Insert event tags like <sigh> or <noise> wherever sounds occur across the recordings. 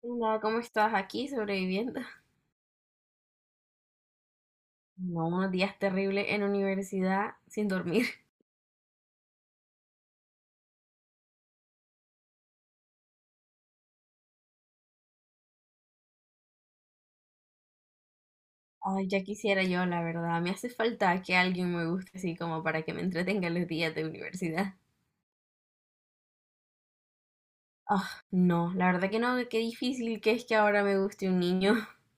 Hola, ¿cómo estás aquí sobreviviendo? <laughs> No, unos días terribles en universidad sin dormir. <laughs> Ay, ya quisiera yo, la verdad. Me hace falta que alguien me guste así como para que me entretenga los días de universidad. Ah, no, la verdad que no, qué difícil que es que ahora me guste un niño. <laughs>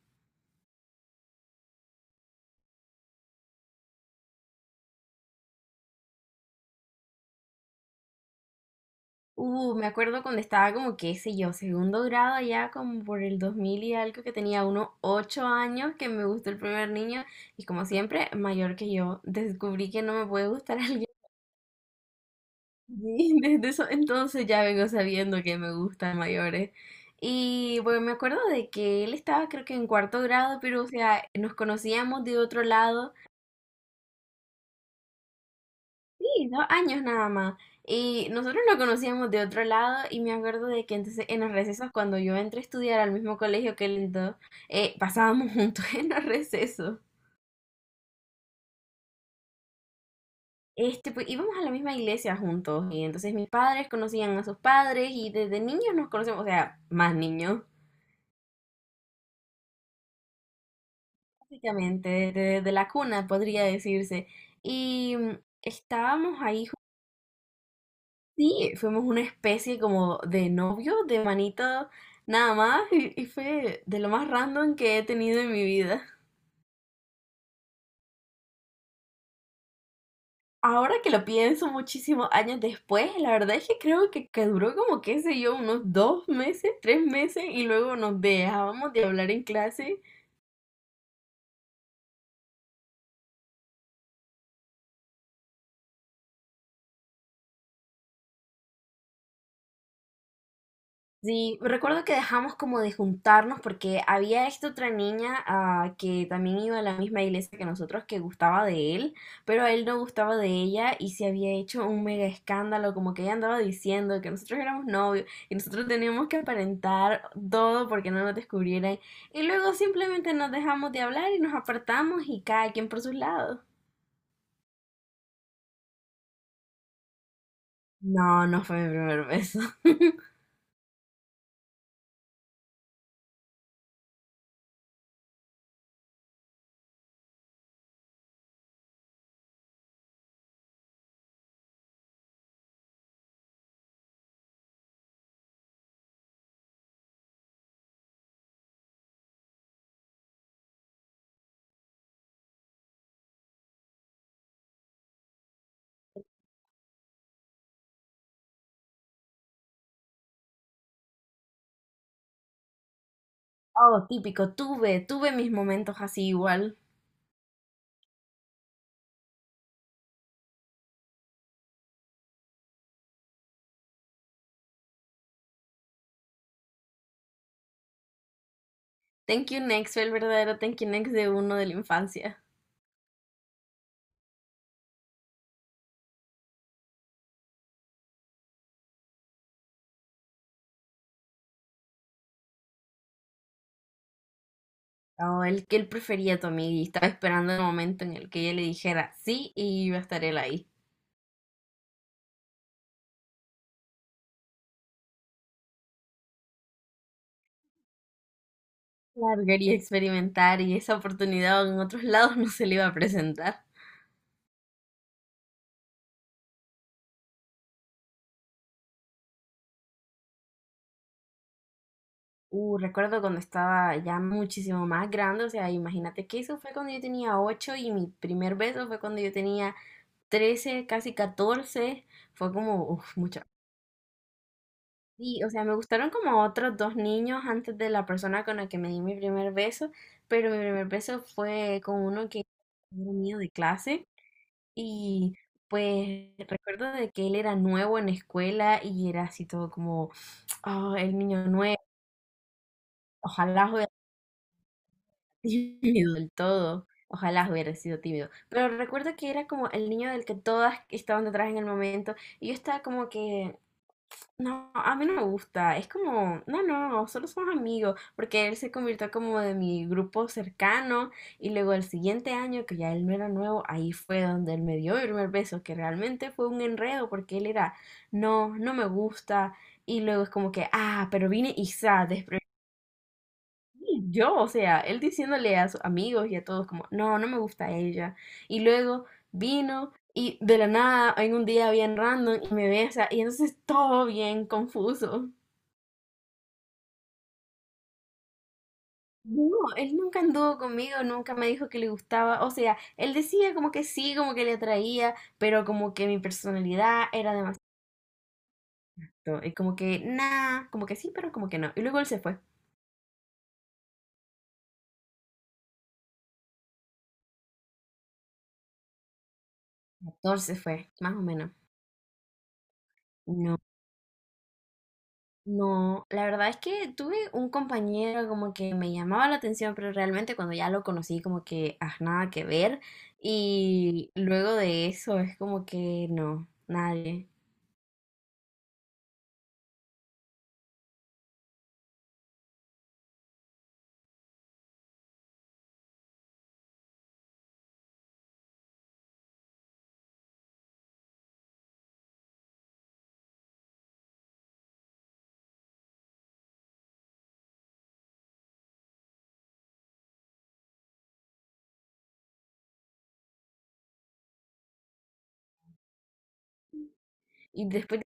Me acuerdo cuando estaba como, qué sé yo, segundo grado allá como por el 2000 y algo que tenía unos 8 años que me gustó el primer niño y como siempre, mayor que yo, descubrí que no me puede gustar <laughs> alguien. Sí, <laughs> desde eso entonces ya vengo sabiendo que me gustan mayores. Y bueno, me acuerdo de que él estaba creo que en cuarto grado, pero o sea, nos conocíamos de otro lado, sí, 2 años nada más. Y nosotros nos conocíamos de otro lado y me acuerdo de que entonces en los recesos, cuando yo entré a estudiar al mismo colegio que él entró, pasábamos <laughs> juntos en los recesos. Este, pues íbamos a la misma iglesia juntos y entonces mis padres conocían a sus padres y desde niños nos conocemos, o sea, más niños. Básicamente, desde de la cuna podría decirse. Y estábamos ahí, sí, fuimos una especie como de novio, de manito, nada más, y fue de lo más random que he tenido en mi vida. Ahora que lo pienso muchísimos años después, la verdad es que creo que duró como, qué sé yo, unos 2 meses, 3 meses, y luego nos dejábamos de hablar en clase. Sí, recuerdo que dejamos como de juntarnos porque había esta otra niña que también iba a la misma iglesia que nosotros que gustaba de él, pero a él no gustaba de ella y se había hecho un mega escándalo, como que ella andaba diciendo que nosotros éramos novios y nosotros teníamos que aparentar todo porque no nos descubrieran. Y luego simplemente nos dejamos de hablar y nos apartamos y cada quien por sus lados. No, no fue mi primer beso. <laughs> Oh, típico, tuve mis momentos así igual. Thank You Next fue el verdadero Thank You Next de uno de la infancia. O el que él prefería a tu amiga y estaba esperando el momento en el que ella le dijera sí y iba a estar él ahí. Largar y experimentar y esa oportunidad en otros lados no se le iba a presentar. Recuerdo cuando estaba ya muchísimo más grande, o sea, imagínate que eso fue cuando yo tenía 8 y mi primer beso fue cuando yo tenía 13, casi 14. Fue como, uf, mucha. Sí, o sea, me gustaron como otros dos niños antes de la persona con la que me di mi primer beso, pero mi primer beso fue con uno que era mío de clase y pues recuerdo de que él era nuevo en la escuela y era así todo como, oh, el niño nuevo, ojalá hubiera sido <laughs> tímido del todo, ojalá hubiera sido tímido, pero recuerdo que era como el niño del que todas estaban detrás en el momento y yo estaba como que no, a mí no me gusta. Es como, no, no, solo somos amigos, porque él se convirtió como de mi grupo cercano y luego el siguiente año, que ya él no era nuevo, ahí fue donde él me dio el primer beso, que realmente fue un enredo porque él era, no, no me gusta y luego es como que, pero vine y desprevenida. Yo, o sea, él diciéndole a sus amigos y a todos como, no, no me gusta ella y luego vino. Y de la nada, en un día bien random, y me besa, y entonces todo bien confuso. No, él nunca anduvo conmigo, nunca me dijo que le gustaba, o sea, él decía como que sí, como que le atraía, pero como que mi personalidad era demasiado, y como que nada, como que sí, pero como que no. Y luego él se fue. 14 fue, más o menos. No, no, la verdad es que tuve un compañero como que me llamaba la atención, pero realmente cuando ya lo conocí como que, ah, nada que ver, y luego de eso es como que no, nadie. Y después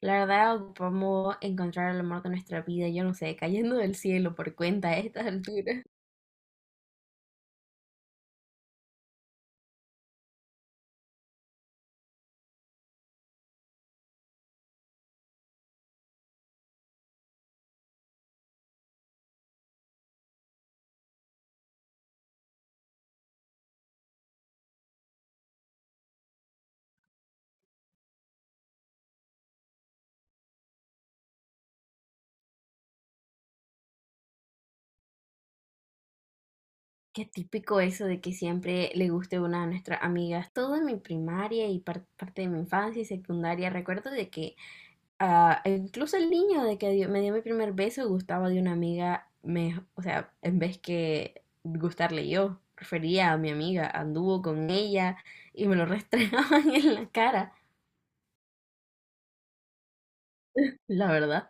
la verdad, ocupamos encontrar el amor de nuestra vida, yo no sé, cayendo del cielo por cuenta a estas alturas. Qué típico eso de que siempre le guste una de nuestras amigas. Todo en mi primaria y parte de mi infancia y secundaria, recuerdo de que incluso el niño de que me dio mi primer beso gustaba de una amiga, o sea, en vez que gustarle yo, prefería a mi amiga, anduvo con ella y me lo restregaban <laughs> en la cara, la verdad.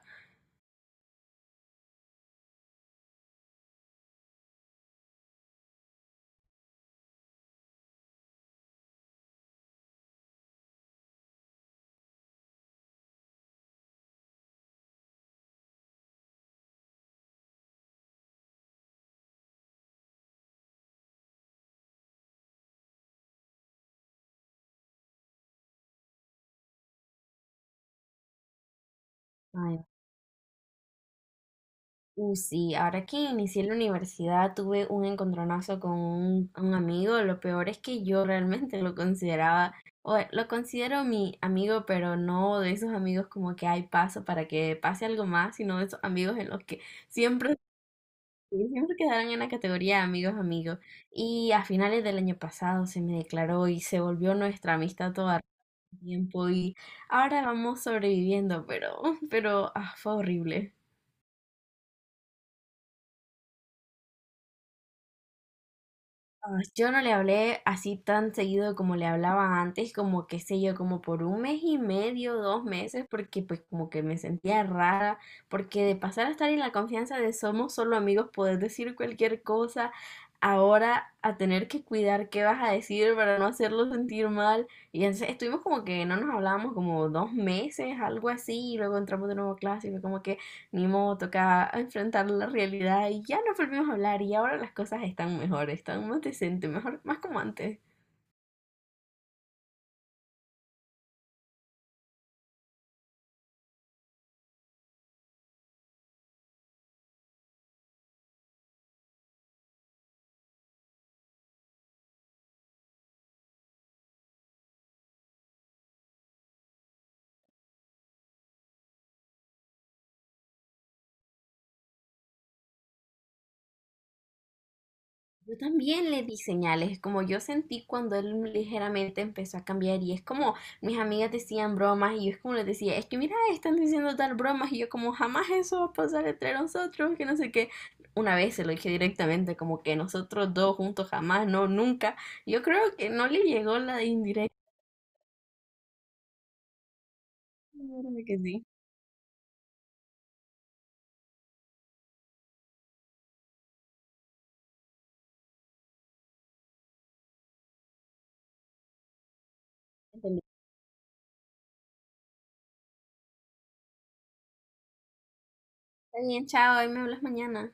Ay, sí, ahora que inicié la universidad tuve un encontronazo con un amigo. Lo peor es que yo realmente lo consideraba, o lo considero mi amigo, pero no de esos amigos como que hay paso para que pase algo más, sino de esos amigos en los que siempre, siempre quedarán en la categoría de amigos, amigos. Y a finales del año pasado se me declaró y se volvió nuestra amistad toda el tiempo y ahora vamos sobreviviendo, pero fue horrible. Ah, Yo no le hablé así tan seguido como le hablaba antes, como qué sé yo, como por un mes y medio, 2 meses, porque pues como que me sentía rara, porque de pasar a estar en la confianza de somos solo amigos, poder decir cualquier cosa, ahora a tener que cuidar qué vas a decir para no hacerlo sentir mal. Y entonces estuvimos como que no nos hablábamos como 2 meses, algo así, y luego entramos de nuevo a clase y fue como que. Ni modo, toca enfrentar la realidad y ya nos volvimos a hablar y ahora las cosas están mejor, están más decentes, mejor, más como antes. Yo también le di señales, como yo sentí cuando él ligeramente empezó a cambiar y es como mis amigas decían bromas y yo es como les decía, es que mira, están diciendo tal bromas y yo como jamás eso va a pasar entre nosotros, que no sé qué. Una vez se lo dije directamente, como que nosotros dos juntos jamás, no, nunca. Yo creo que no le llegó la indirecta. Que sí. Está bien, chao, ahí me hablas mañana.